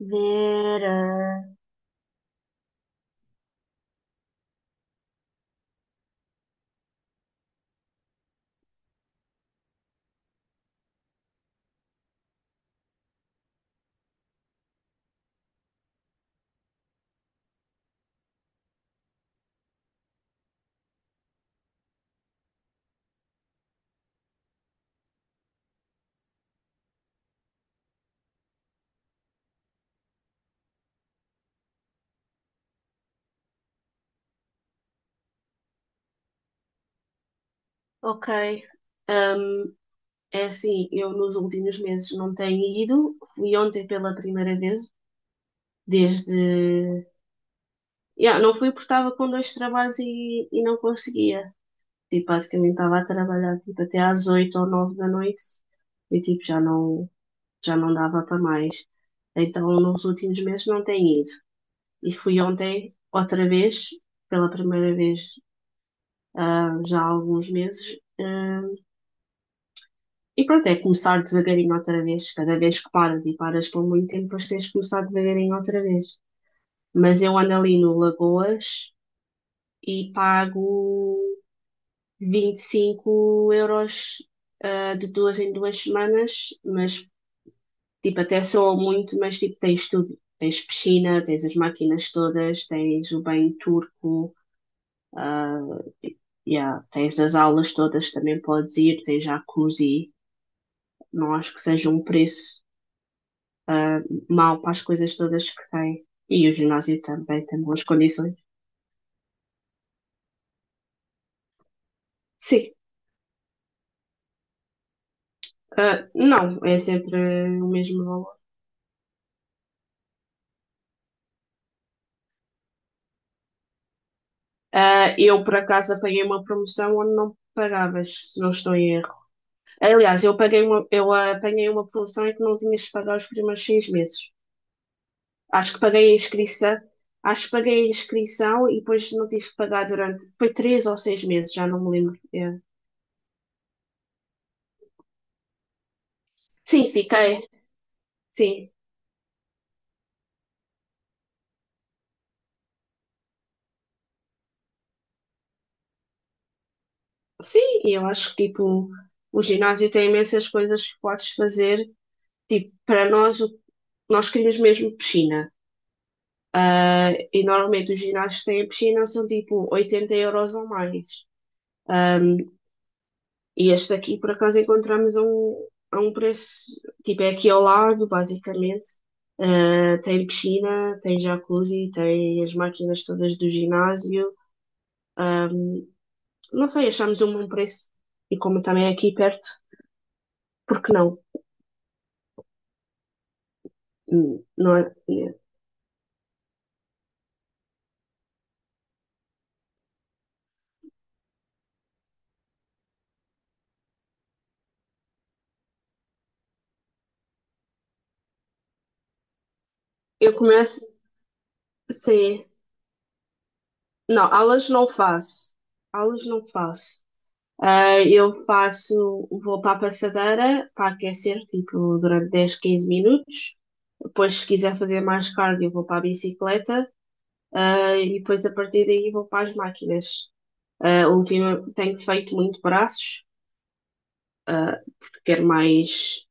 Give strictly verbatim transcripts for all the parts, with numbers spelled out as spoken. Vera. Ok. Ah, É assim, eu nos últimos meses não tenho ido. Fui ontem pela primeira vez, desde. Yeah, não fui porque estava com dois trabalhos e, e não conseguia. Tipo, basicamente estava a trabalhar tipo, até às oito ou nove da noite e tipo, já não, já não dava para mais. Então, nos últimos meses não tenho ido. E fui ontem, outra vez, pela primeira vez já há alguns meses. ah, E pronto, é começar devagarinho outra vez. Cada vez que paras e paras por muito tempo, depois tens de começar devagarinho outra vez. Mas eu ando ali no Lagoas e pago vinte e cinco euros ah, de duas em duas semanas, mas tipo, até soa muito, mas tipo, tens tudo. Tens piscina, tens as máquinas todas, tens o banho turco, e- yeah, tens as aulas todas, também podes ir, tens jacuzzi. Não acho que seja um preço mal para as coisas todas que tem. E o ginásio também tem boas condições. Sim, ah, não, é sempre o mesmo valor. Ah, eu, por acaso, apanhei uma promoção onde não pagavas, se não estou em erro. Aliás, eu, paguei uma, eu apanhei uma promoção em que não tinhas de pagar os primeiros seis meses. Acho que paguei a inscrição, Acho que paguei a inscrição e depois não tive que pagar durante, foi três ou seis meses, já não me lembro. É. Sim, fiquei, sim, Sim, e eu acho que tipo, o ginásio tem imensas coisas que podes fazer. Tipo, para nós, o- nós queríamos mesmo piscina. Ah, E normalmente os ginásios que têm a piscina são tipo oitenta euros ou mais. E este aqui, por acaso, encontramos a um, a um preço. Tipo, é aqui ao lado, basicamente. Ah, tem piscina, tem jacuzzi, tem as máquinas todas do ginásio. Não sei, achamos um bom preço. E como também é aqui perto, por que não? Hum, não é? Eu começo, sim. Não, aulas não faço. Aulas não faço. Eh, Eu faço, vou para a passadeira para aquecer, tipo, durante dez quinze minutos. Depois, se quiser fazer mais cardio, vou para a bicicleta. eh, E depois, a partir daí, vou para as máquinas. Eh, Ultima, tenho feito muito braços, quero mais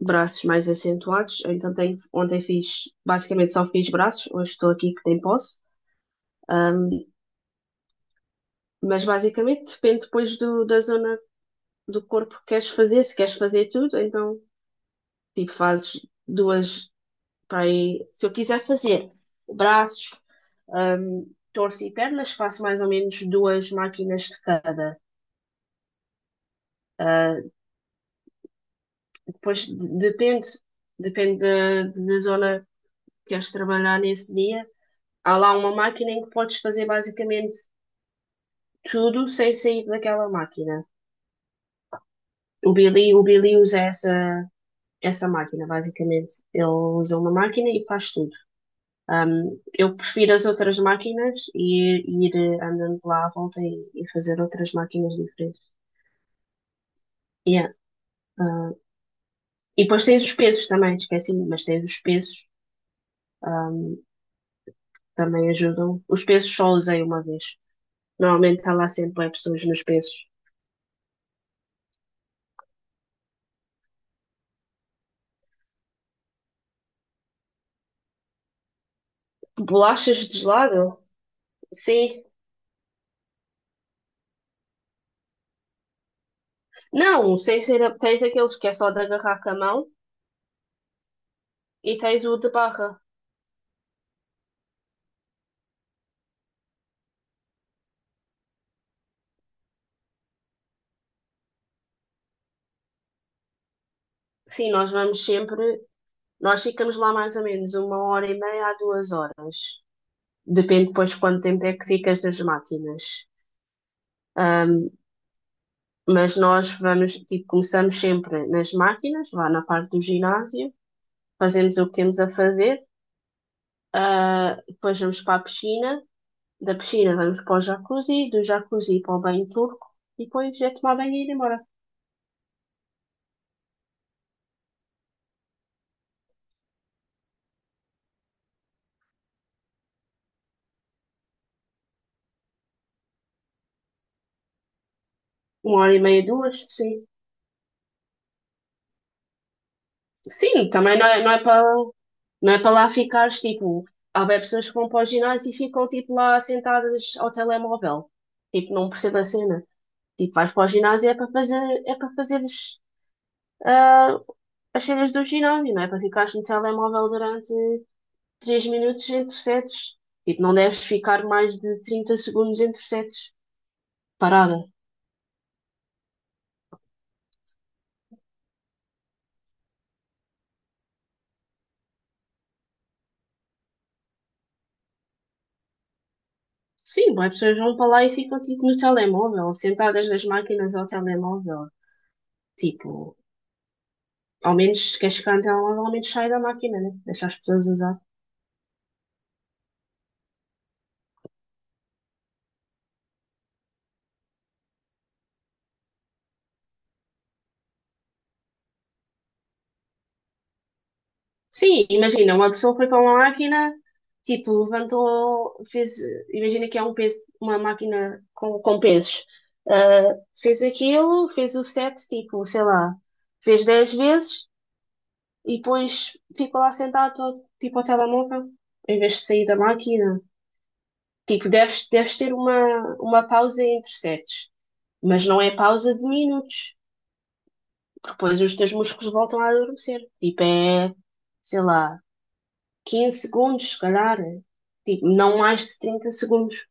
braços mais acentuados. Então, tenho, ontem fiz, basicamente só fiz braços. Hoje estou aqui que nem posso. Mas, basicamente, depende depois do, da zona do corpo que queres fazer, se queres fazer tudo, então tipo fazes duas para aí. Se eu quiser fazer braços, hum, torso e pernas, faço mais ou menos duas máquinas de cada. Ah, Depois depende, depende da, da zona que queres trabalhar nesse dia. Há lá uma máquina em que podes fazer basicamente tudo sem sair daquela máquina. O Billy, o Billy usa essa, essa máquina, basicamente. Ele usa uma máquina e faz tudo. Um, eu prefiro as outras máquinas e ir, ir andando de lá à volta e, e fazer outras máquinas diferentes. Yeah. Uh, e depois tens os pesos também, esqueci, mas tens os pesos, também ajudam. Os pesos só usei uma vez. Normalmente está lá sempre é pessoas nos pesos. Bolachas de gelado? Sim. Não, sem ser. a- Tens aqueles que é só de agarrar com a mão e tens o de barra. Sim, nós vamos sempre. Nós ficamos lá mais ou menos uma hora e meia a duas horas. Depende depois de quanto tempo é que ficas nas máquinas. Um, mas nós vamos, tipo, começamos sempre nas máquinas, lá na parte do ginásio, fazemos o que temos a fazer, uh, depois vamos para a piscina, da piscina vamos para o jacuzzi, do jacuzzi para o banho turco, e depois é tomar banho e ir embora. Uma hora e meia, duas, sim. Sim, também não é, não é para, não é para lá ficares, tipo, há bem pessoas que vão para o ginásio e ficam, tipo, lá sentadas ao telemóvel. Tipo, não percebo a cena. Tipo, vais para o ginásio é para fazer, é para fazeres ah, as cenas do ginásio, não é para ficares no telemóvel durante três minutos entre sets. Tipo, não deves ficar mais de trinta segundos entre sets parada. Sim, as pessoas vão para lá e ficam tipo no telemóvel, sentadas nas máquinas ao telemóvel. Tipo, ao menos se queres ficar no telemóvel, ao menos sai da máquina, né? Deixa as pessoas usar. Sim, imagina, uma pessoa foi para uma máquina, tipo, levantou, fez, imagina que é um peso, uma máquina com, com pesos. Ah, fez aquilo, fez o set, tipo, sei lá, fez dez vezes e depois ficou lá sentado, tipo, ao telemóvel, em vez de sair da máquina. Tipo, deves, deves ter uma, uma pausa entre sets, mas não é pausa de minutos, porque depois os teus músculos voltam a adormecer. Tipo, é, sei lá. Quinze segundos, se calhar, tipo, não mais de trinta segundos.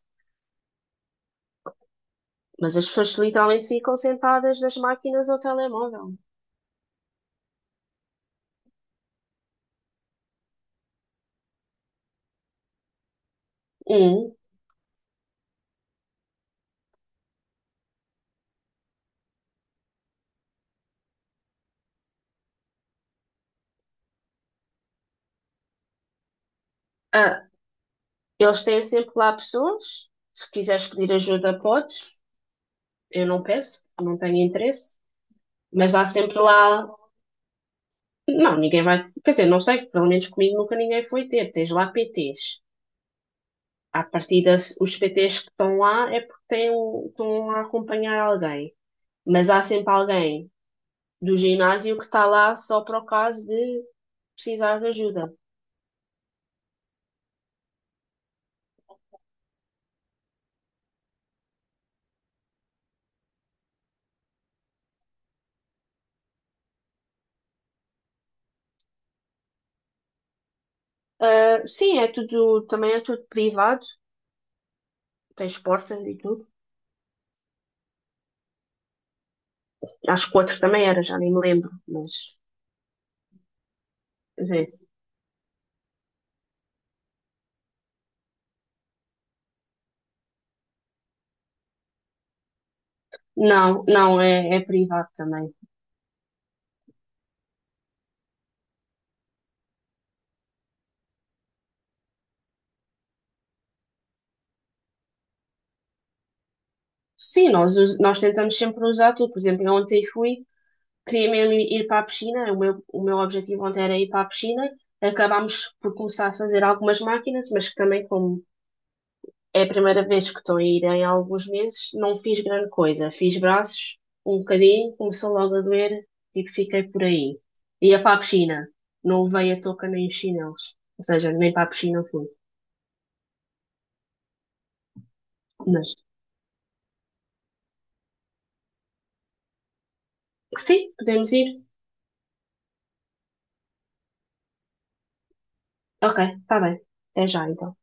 Mas as pessoas literalmente ficam sentadas nas máquinas ou telemóvel. Um, ah, eles têm sempre lá pessoas, se quiseres pedir ajuda, podes. Eu não peço, não tenho interesse. Mas há sempre lá. Não, ninguém vai. Quer dizer, não sei, pelo menos comigo nunca ninguém foi ter. Tens lá P Tês. À partida, os P Tês que estão lá é porque têm, estão a acompanhar alguém. Mas há sempre alguém do ginásio que está lá só para o caso de precisar de ajuda. Ah, Sim, é tudo, também é tudo privado, tens portas e tudo. Acho que o outro também era, já nem me lembro, mas quer dizer, não, não, é, é privado também. Sim, nós, us- nós tentamos sempre usar tudo. Por exemplo, eu ontem fui, queria mesmo ir para a piscina, o meu, o meu objetivo ontem era ir para a piscina. Acabámos por começar a fazer algumas máquinas, mas que também, como é a primeira vez que estou a ir em alguns meses, não fiz grande coisa. Fiz braços um bocadinho, começou logo a doer, e fiquei por aí. Ia para a piscina, não levei a touca nem os chinelos, ou seja, nem para a piscina fui. Mas sim, podemos ir. Ok, está bem. Até já então.